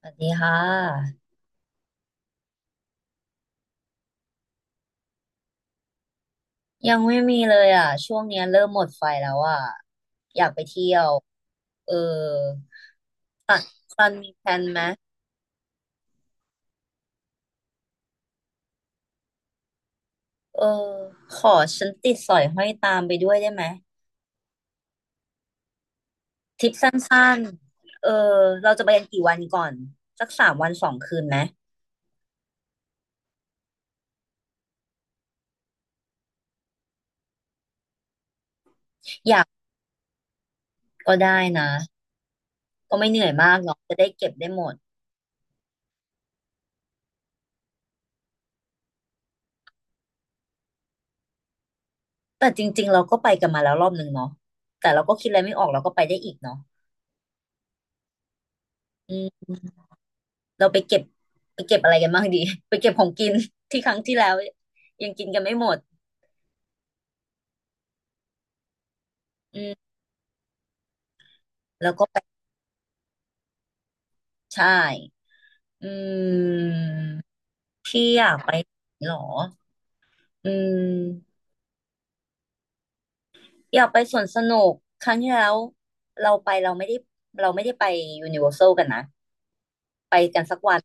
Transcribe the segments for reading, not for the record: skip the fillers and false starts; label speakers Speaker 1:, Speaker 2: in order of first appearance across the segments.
Speaker 1: สวัสดีค่ะยังไม่มีเลยอ่ะช่วงเนี้ยเริ่มหมดไฟแล้วอ่ะอยากไปเที่ยวเออตัดซันมีแพลนไหมเออขอฉันติดสอยห้อยตามไปด้วยได้ไหมทริปสั้นๆเออเราจะไปกันกี่วันก่อนสักสามวันสองคืนไหมอยากก็ได้นะก็ไม่เหนื่อยมากเนาะจะได้เก็บได้หมดแต่จริงๆเราก็ไปกันมาแล้วรอบนึงเนาะแต่เราก็คิดอะไรไม่ออกเราก็ไปได้อีกเนาะ เราไปเก็บไปเก็บอะไรกันบ้างดี ไปเก็บของกินที่ครั้งที่แล้วยังกินกันไม่หมดอืมแล้วก็ไปใช่อืมที่อยากไปหรออืมอยากไปสวนสนุกครั้งที่แล้วเราไปเราไม่ได้เราไม่ได้ไปยูนิเวอร์แซลกันนะไปกันสักวัน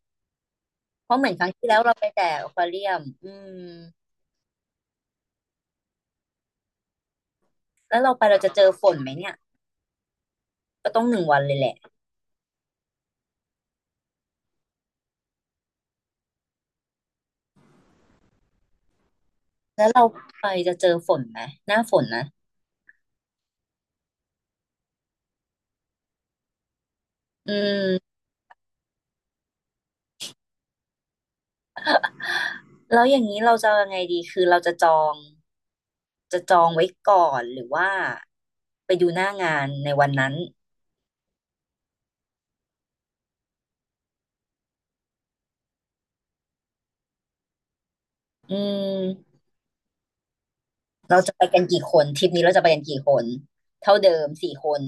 Speaker 1: เพราะเหมือนครั้งที่แล้วเราไปแต่อควาเรียมอืมแล้วเราไปเราจะเจอฝนไหมเนี่ยก็ต้องหนึ่งวันเลยแหละแล้วเราไปจะเจอฝนไหมหน้าฝนนะอืม แล้วอย่างนี้เราจะยังไงดีคือเราจะจองจะจองไว้ก่อนหรือว่าไปดูหน้างานในวันนั้นอืมเราจะไปกันกี่คนทริปนี้เราจะไปกันกี่คน เท่าเดิมสี่คน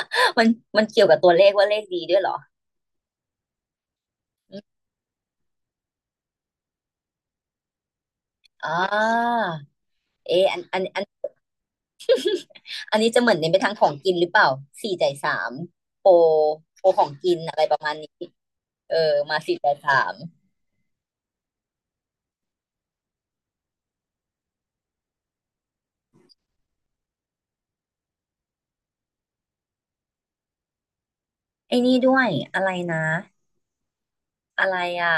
Speaker 1: มันมันเกี่ยวกับตัวเลขว่าเลขดีด้วยเหรออ่าเอออันอันนี้จะเหมือนเน้นไปทางของกินหรือเปล่าสี่จ่ายสามโปรโปรของกินอะไรประมาณนี้เออมาสี่จ่ายสามไอ้นี่ด้วย อะไรนะอะไรอ่ะ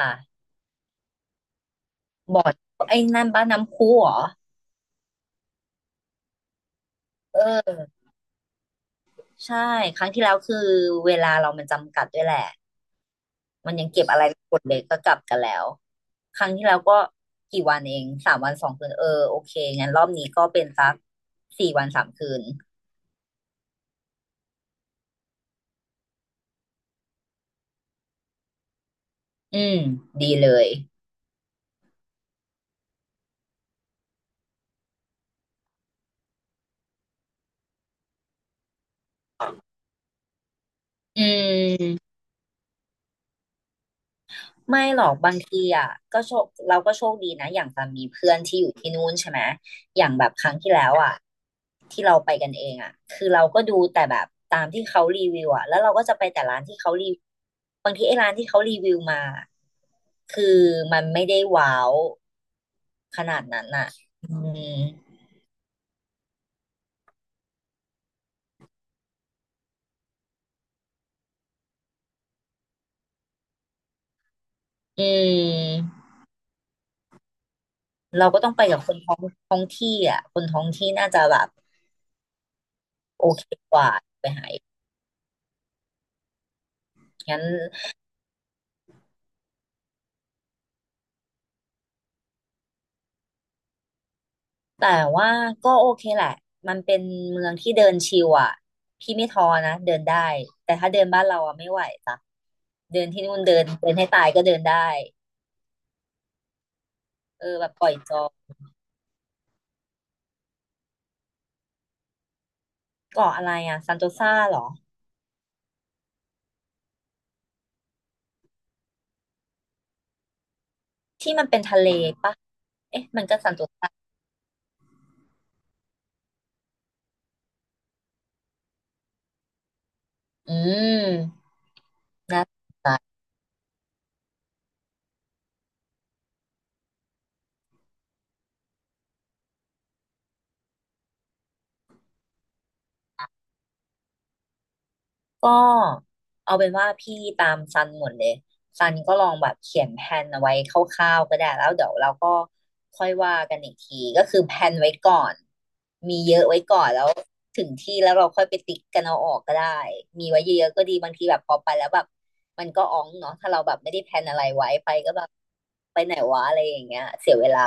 Speaker 1: บ่อยไอ้นั่นบ้านน้ำพุเหรอเออใช่ครั้งที่แล้วคือเวลาเรามันจำกัดด้วยแหละมันยังเก็บอะไรไม่หมดเลยก็กลับกันแล้วครั้งที่แล้วก็กี่วันเองสามวันสองคืนเออโอเคงั้นรอบนี้ก็เป็นสักสี่วันสามคืนอืมดีเลยอืม ไม่หรอกบางทีอ่ะก็โชคเราก็โชคดีนะอย่างตามมีเพื่อนที่อยู่ที่นู่นใช่ไหมอย่างแบบครั้งที่แล้วอ่ะที่เราไปกันเองอ่ะคือเราก็ดูแต่แบบตามที่เขารีวิวอ่ะแล้วเราก็จะไปแต่ร้านที่เขารีบางทีไอ้ร้านที่เขารีวิวมาคือมันไม่ได้ว้าวขนาดนั้นอ่ะอืมอืมเราก็ต้องไปกับคนท้องท้องที่อ่ะคนท้องที่น่าจะแบบโอเคกว่างั้น แต่ว่าก็โอเคแหละ มันเป็นเมืองที่เดินชิลอ่ะพี่ไม่ท้อนะเดินได้ แต่ถ้าเดินบ้านเราอ่ะไม่ไหวจ้ะเดินที่นู่นเดินเดินให้ตายก็เดินได้เออแบบปล่อยจอยเกาะอะไรอ่ะซันโตซาเหรอที่มันเป็นทะเลปะเอ๊ะมันก็ซันโตซาอืมน่าสนใจ ก็เอาเป็นว่าพี่ตามซันหมดเลยซันก็ลองแบบเขียนแผนเอาไว้คร่าวๆก็ได้แล้วเดี๋ยวเราก็ค่อยว่ากันอีกทีก็คือแผนไว้ก่อนมีเยอะไว้ก่อนแล้วถึงที่แล้วเราค่อยไปติ๊กกันเอาออกก็ได้มีไว้เยอะๆก็ดีบางทีแบบพอไปแล้วแบบมันก็อ๋องเนาะถ้าเราแบบไม่ได้แผนอะไรไว้ไปก็แบบไปไหนวะอะไรอย่างเงี้ยเสียเวลา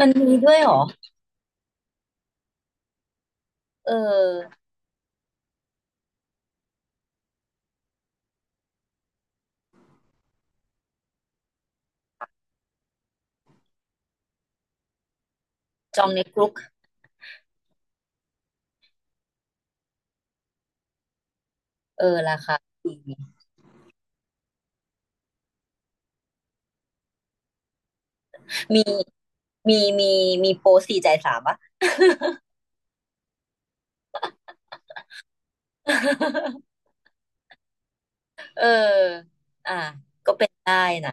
Speaker 1: มันมีด้วยเหรอเออจองในกรุ๊ปเออราคาดี มีมีมีมีโปรสี่จ่ายสามปะ เอออ่ะก็เป็นได้นะ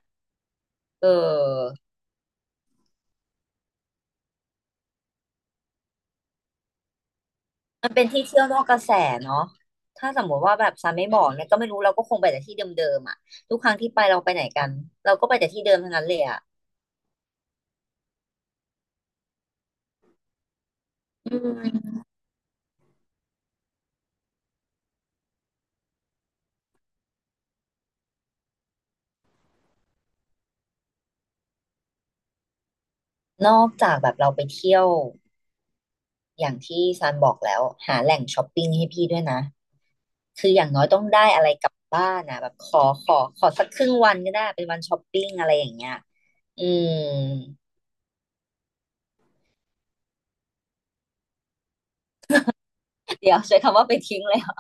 Speaker 1: เออมันเป็นที่เที่ยวนอกกระแสเนาะถ้าสมมติว่าแบบซันไม่บอกเนี่ยก็ไม่รู้เราก็คงไปแต่ที่เดิมๆอ่ะทุกครั้งที่ไปเราไปไหนกันเราก็ไปแต่ที่เดิมทั้งนั้นเลยอ่ะอืมนอกจากแบบเราไปเที่ยวอย่างที่ซันบอกแล้วหาแหล่งช้อปปิ้งให้พี่ด้วยนะคืออย่างน้อยต้องได้อะไรกลับบ้านนะแบบขอขอขอสักครึ่งวันก็ได้เป็นวันช้อปปิ้งอะไรอย่างเงี้ยอืม เดี๋ยวใช้คำว่าไปทิ้งเลยเหรอ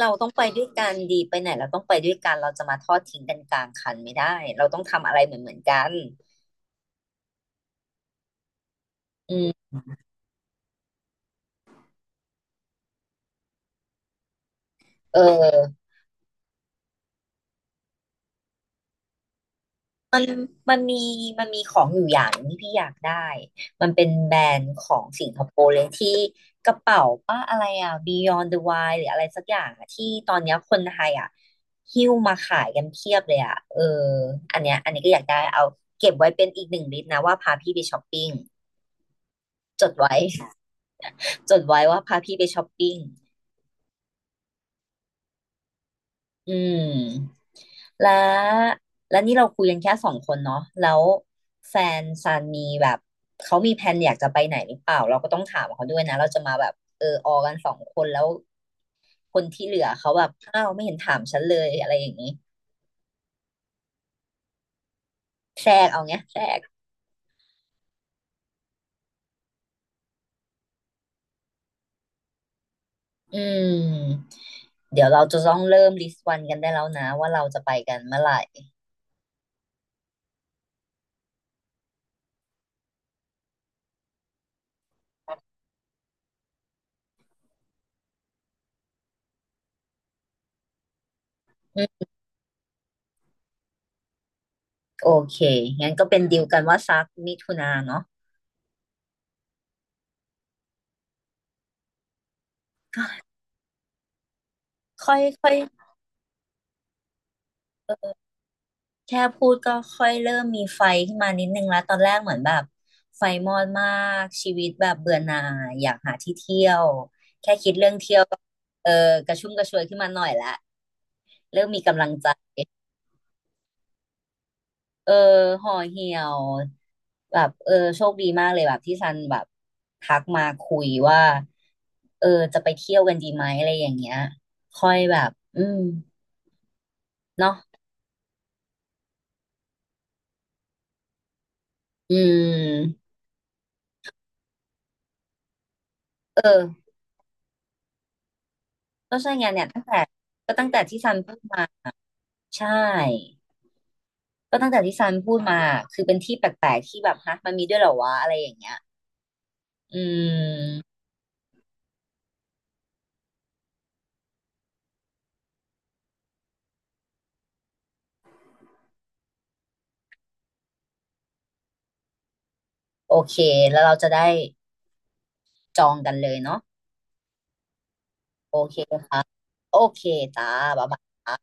Speaker 1: เราต้องไปด้วยกันดีไปไหนเราต้องไปด้วยกันเราจะมาทอดทิ้งกันกลางคันไม่ได้เราต้องทำอะไรเหมือนเหมือนกันอืมเออมันมันมันมีของอยู่อย่างหนึ่งที่พี่อยากได้มันเป็นแบรนด์ของสิงคโปร์เลยที่กระเป๋าป้าอะไรอ่ะ Beyond the Wild หรืออะไรสักอย่างอ่ะที่ตอนเนี้ยคนไทยอ่ะหิ้วมาขายกันเพียบเลยอ่ะเอออันเนี้ยอันนี้ก็อยากได้เอาเก็บไว้เป็นอีกหนึ่งลิสต์นะว่าพาพี่ไปช้อปปิ้งจดไว้ จดไว้ว่าพาพี่ไปช้อปปิ้งอืมและและนี่เราคุยกันแค่สองคนเนาะแล้วแฟนซานมีแบบ เขามีแผนอยากจะไปไหนหรือเปล่า เราก็ต้องถามเขาด้วยนะ เราจะมาแบบเออออกันสองคนแล้วคนที่เหลือเขาแบบอ้าวไม่เห็นถามฉันเลยอะไรอย่างนี้แทรกเอาเงี้ยแทรกอืมเดี๋ยวเราจะต้องเริ่มลิสต์วันกันได้แล้วนะว่าเราจะไปกันเมื่อไหร่อืมโอเคงั้นก็เป็นดีลกันว่าซักมิถุนาเนาะค่อยค่อย แค่พูดก็ค่อยเริ่มมีไฟขึ้นมานิดนึงแล้วตอนแรกเหมือนแบบไฟมอดมากชีวิตแบบเบื่อหน่ายอยากหาที่เที่ยวแค่คิดเรื่องเที่ยวก็เออกระชุ่มกระชวยขึ้นมาหน่อยละเริ่มมีกำลังใจเออห่อเหี่ยวแบบเออโชคดีมากเลยแบบที่ซันแบบทักมาคุยว่าเออจะไปเที่ยวกันดีไหมอะไรอย่างเงี้ยค่อยแบบอืมเนาะอืมเออก็ใช่ไงน้เนี่ยตั้งแต่ก็ตั้งแต่ที่ซันพูดมา ใช่ ก็ตั้งแต่ที่ซันพูดมา คือเป็นที่แปลกๆที่แบบฮะมันมีด้วยเหรอวะอะไรอย่างเงี้ยอืม โอเค แล้วเราจะได้จองกันเลยเนาะโอเค โอเคจ้าบ๊ายบายจ้า